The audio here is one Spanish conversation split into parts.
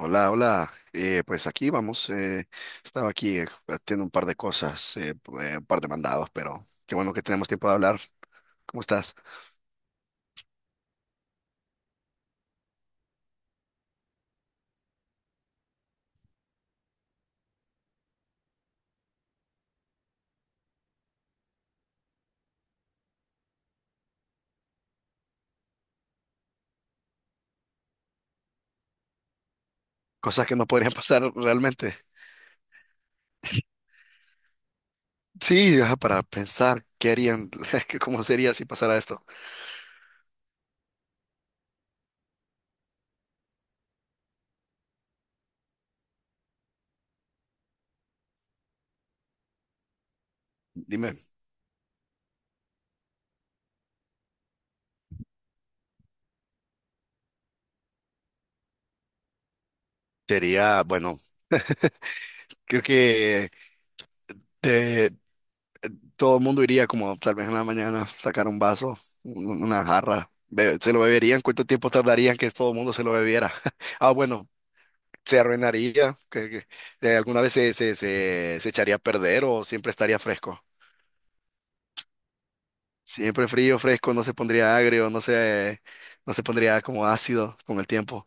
Hola, hola. Pues aquí vamos. Estaba aquí haciendo un par de cosas, un par de mandados, pero qué bueno que tenemos tiempo de hablar. ¿Cómo estás? Cosas que no podrían pasar realmente. Sí, ajá, para pensar qué harían, que cómo sería si pasara esto. Dime. Sería, bueno, creo que te- todo el mundo iría como tal vez en la mañana, sacar un vaso, una jarra, se lo beberían, cuánto tiempo tardarían que todo el mundo se lo bebiera. Ah, bueno, se arruinaría, alguna vez se echaría a perder o siempre estaría fresco. Siempre frío, fresco, no se pondría agrio, no se pondría como ácido con el tiempo.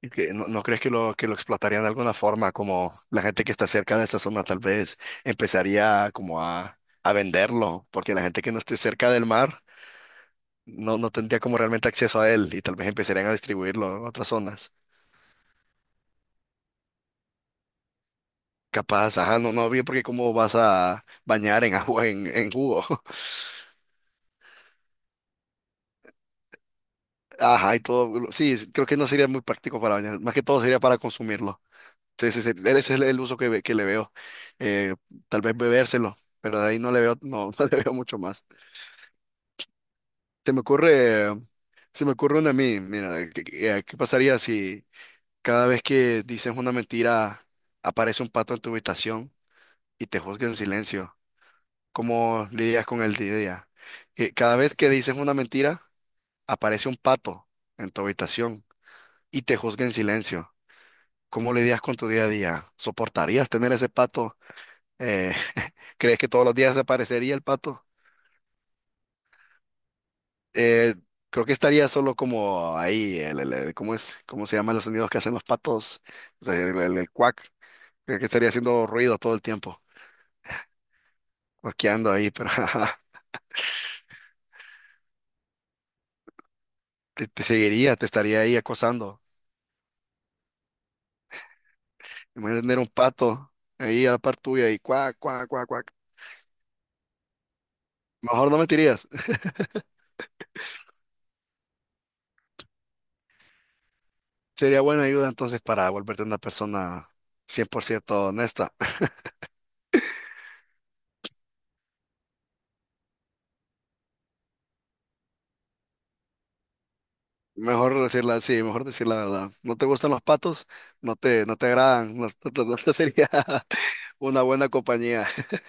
Y que ¿no, no crees que que lo explotarían de alguna forma? Como la gente que está cerca de esa zona tal vez empezaría como a venderlo, porque la gente que no esté cerca del mar no, no tendría como realmente acceso a él y tal vez empezarían a distribuirlo en otras zonas. Capaz, ajá, no, no, bien, porque cómo vas a bañar en agua, en jugo. Ajá, y todo, sí, creo que no sería muy práctico para bañar, más que todo sería para consumirlo. Sí, sí, sí, ese es el uso que, que le veo. Eh, Tal vez bebérselo, pero de ahí no le veo, no, no le veo mucho más. Se me ocurre, eh, se me ocurre una a mí, mira, ¿ qué pasaría si cada vez que dices una mentira aparece un pato en tu habitación y te juzga en silencio? ¿Cómo lidias con el día a día? Que cada vez que dices una mentira, aparece un pato en tu habitación y te juzga en silencio. ¿Cómo lidias con tu día a día? ¿Soportarías tener ese pato? Eh, ¿crees que todos los días aparecería el pato? Eh, Creo que estaría solo como ahí, ¿cómo es? ¿Cómo se llaman los sonidos que hacen los patos? O sea, el cuac. Creo que estaría haciendo ruido todo el tiempo, cuaqueando ahí, pero te seguiría, te estaría ahí acosando. Imagínate tener un pato ahí a la par tuya y cuac, cuac, cuac, cuac. Mejor no mentirías. Sería buena ayuda entonces para volverte una persona cien por ciento honesta. Mejor decirla sí mejor decir la verdad. ¿No te gustan los patos? No te agradan. No, no te sería una buena compañía.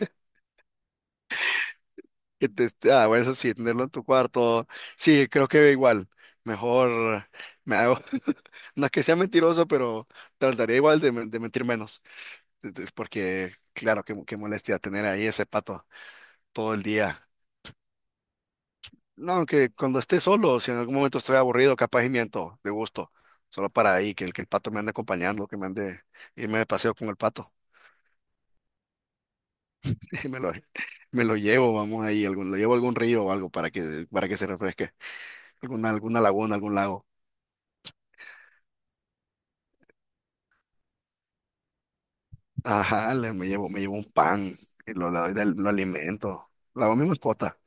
Ah, bueno, eso sí, tenerlo en tu cuarto. Sí, creo que igual. Mejor me hago. No es que sea mentiroso, pero trataría igual de mentir menos. Es porque, claro, qué molestia tener ahí ese pato todo el día. No, que cuando esté solo, si en algún momento estoy aburrido, capaz y miento, de gusto. Solo para ahí, que el pato me ande acompañando, que me ande, irme de paseo con el pato. Y me lo llevo, vamos ahí, algún, lo llevo a algún río o algo para que se refresque. Alguna, alguna laguna, algún lago. Ajá, me llevo un pan, y lo alimento. La hago mi mascota.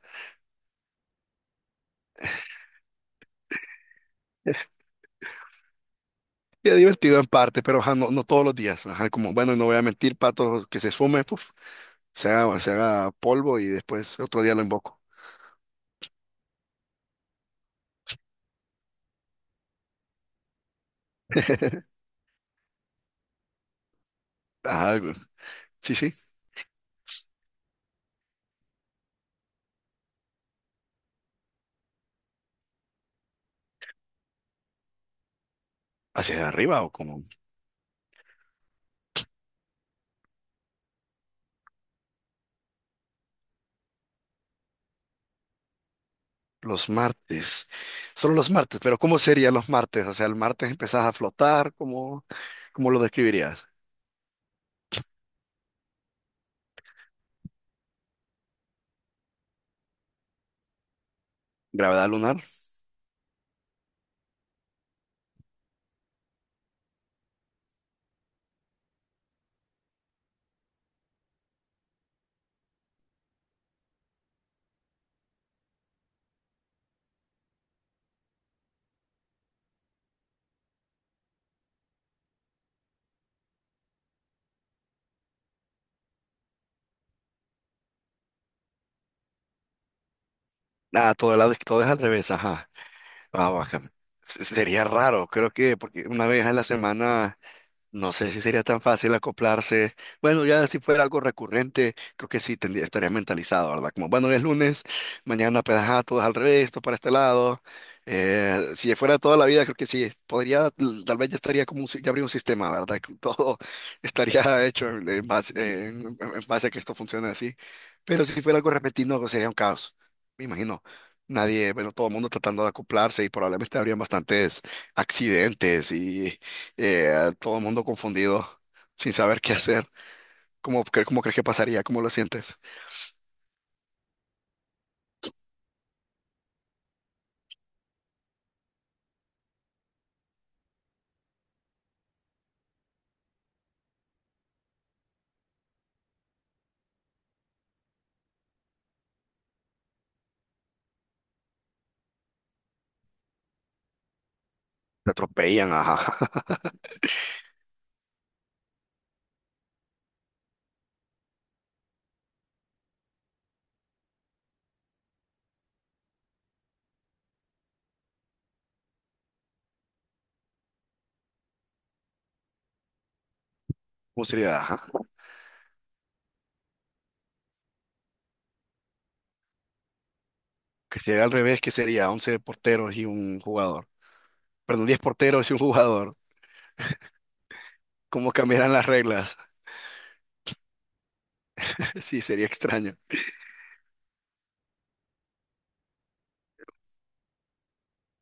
Y es divertido en parte, pero ajá, no, no todos los días. Ajá, como, bueno, no voy a mentir, pato que se esfume, puf, se haga polvo y después otro día lo invoco. Ajá, güey. Sí, sí. ¿Hacia arriba o como los martes? Solo los martes, pero ¿cómo serían los martes? O sea, el martes empezás a flotar, ¿cómo, cómo lo describirías? ¿Gravedad lunar? Ah, todo, lado, todo es al revés, ajá. Ah, baja. Sería raro, creo que, porque una vez a la semana. No sé si sería tan fácil acoplarse. Bueno, ya si fuera algo recurrente, creo que sí tendría, estaría mentalizado, ¿verdad? Como, bueno, es lunes, mañana pues ajá, todo es al revés, todo para este lado. Si fuera toda la vida, creo que sí, podría, tal vez ya estaría como, un si- ya habría un sistema, ¿verdad? Que todo estaría hecho en base a que esto funcione así. Pero si fuera algo repentino, pues, sería un caos, me imagino. Nadie, bueno, todo el mundo tratando de acoplarse y probablemente habrían bastantes accidentes y todo el mundo confundido, sin saber qué hacer. ¿ cómo crees que pasaría? ¿Cómo lo sientes? Te atropellan, ajá. ¿Cómo sería? Ajá. Que sería al revés, que sería 11 porteros y un jugador. Perdón, 10 porteros y un jugador. ¿Cómo cambiarán las reglas? Sí, sería extraño.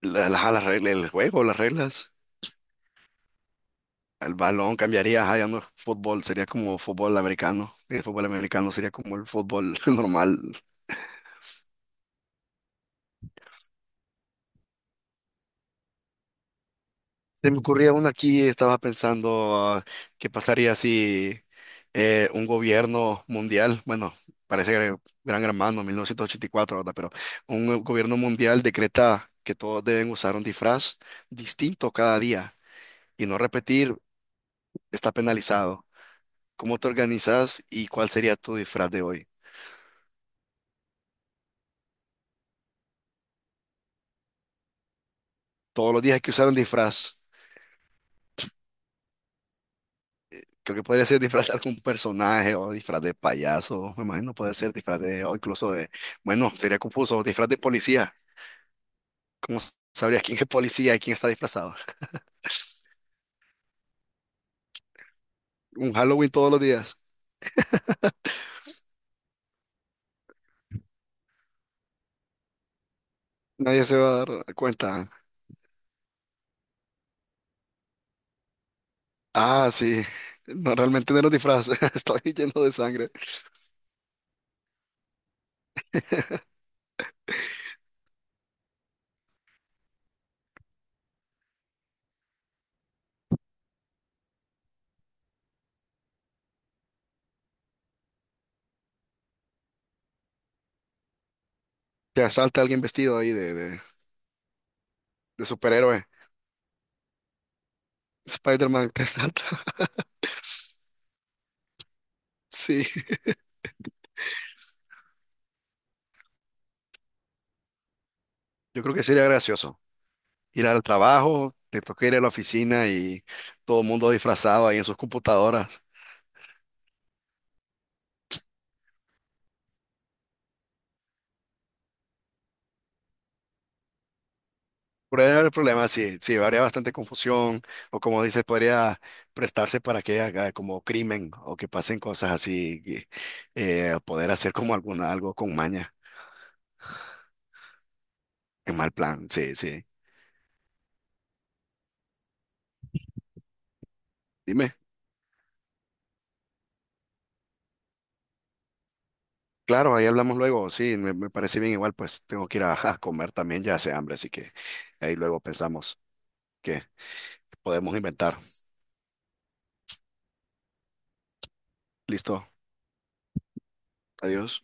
Las, reglas el juego, las reglas. El balón cambiaría, ajá, ya no es fútbol, sería como fútbol americano. El fútbol americano sería como el fútbol normal. Se me ocurría una aquí, estaba pensando ah, qué pasaría si un gobierno mundial, bueno, parece que Gran Hermano, 1984, ¿verdad? Pero un gobierno mundial decreta que todos deben usar un disfraz distinto cada día y no repetir está penalizado. ¿Cómo te organizas y cuál sería tu disfraz de hoy? Todos los días hay que usar un disfraz. Creo que podría ser disfraz de algún personaje o disfraz de payaso, me imagino puede ser disfraz de, o incluso de, bueno, sería confuso, disfraz de policía. ¿Cómo sabrías quién es policía y quién está disfrazado? Un Halloween todos los días. Nadie se va a dar cuenta. Ah, sí. No, realmente no los disfraces. Estoy lleno de sangre. Te asalta alguien vestido ahí de superhéroe. Spider-Man te asalta. Sí. Yo creo que sería gracioso. Ir al trabajo, te toca ir a la oficina y todo el mundo disfrazado ahí en sus computadoras. Podría haber problemas, sí, sí, habría bastante confusión, o como dices, podría prestarse para que haga como crimen o que pasen cosas así, que, poder hacer como alguna, algo con maña, en mal plan, sí, sí. Dime, claro, ahí hablamos luego, sí, me parece bien igual, pues tengo que ir a comer también, ya hace hambre, así que ahí luego pensamos que podemos inventar. Listo, adiós.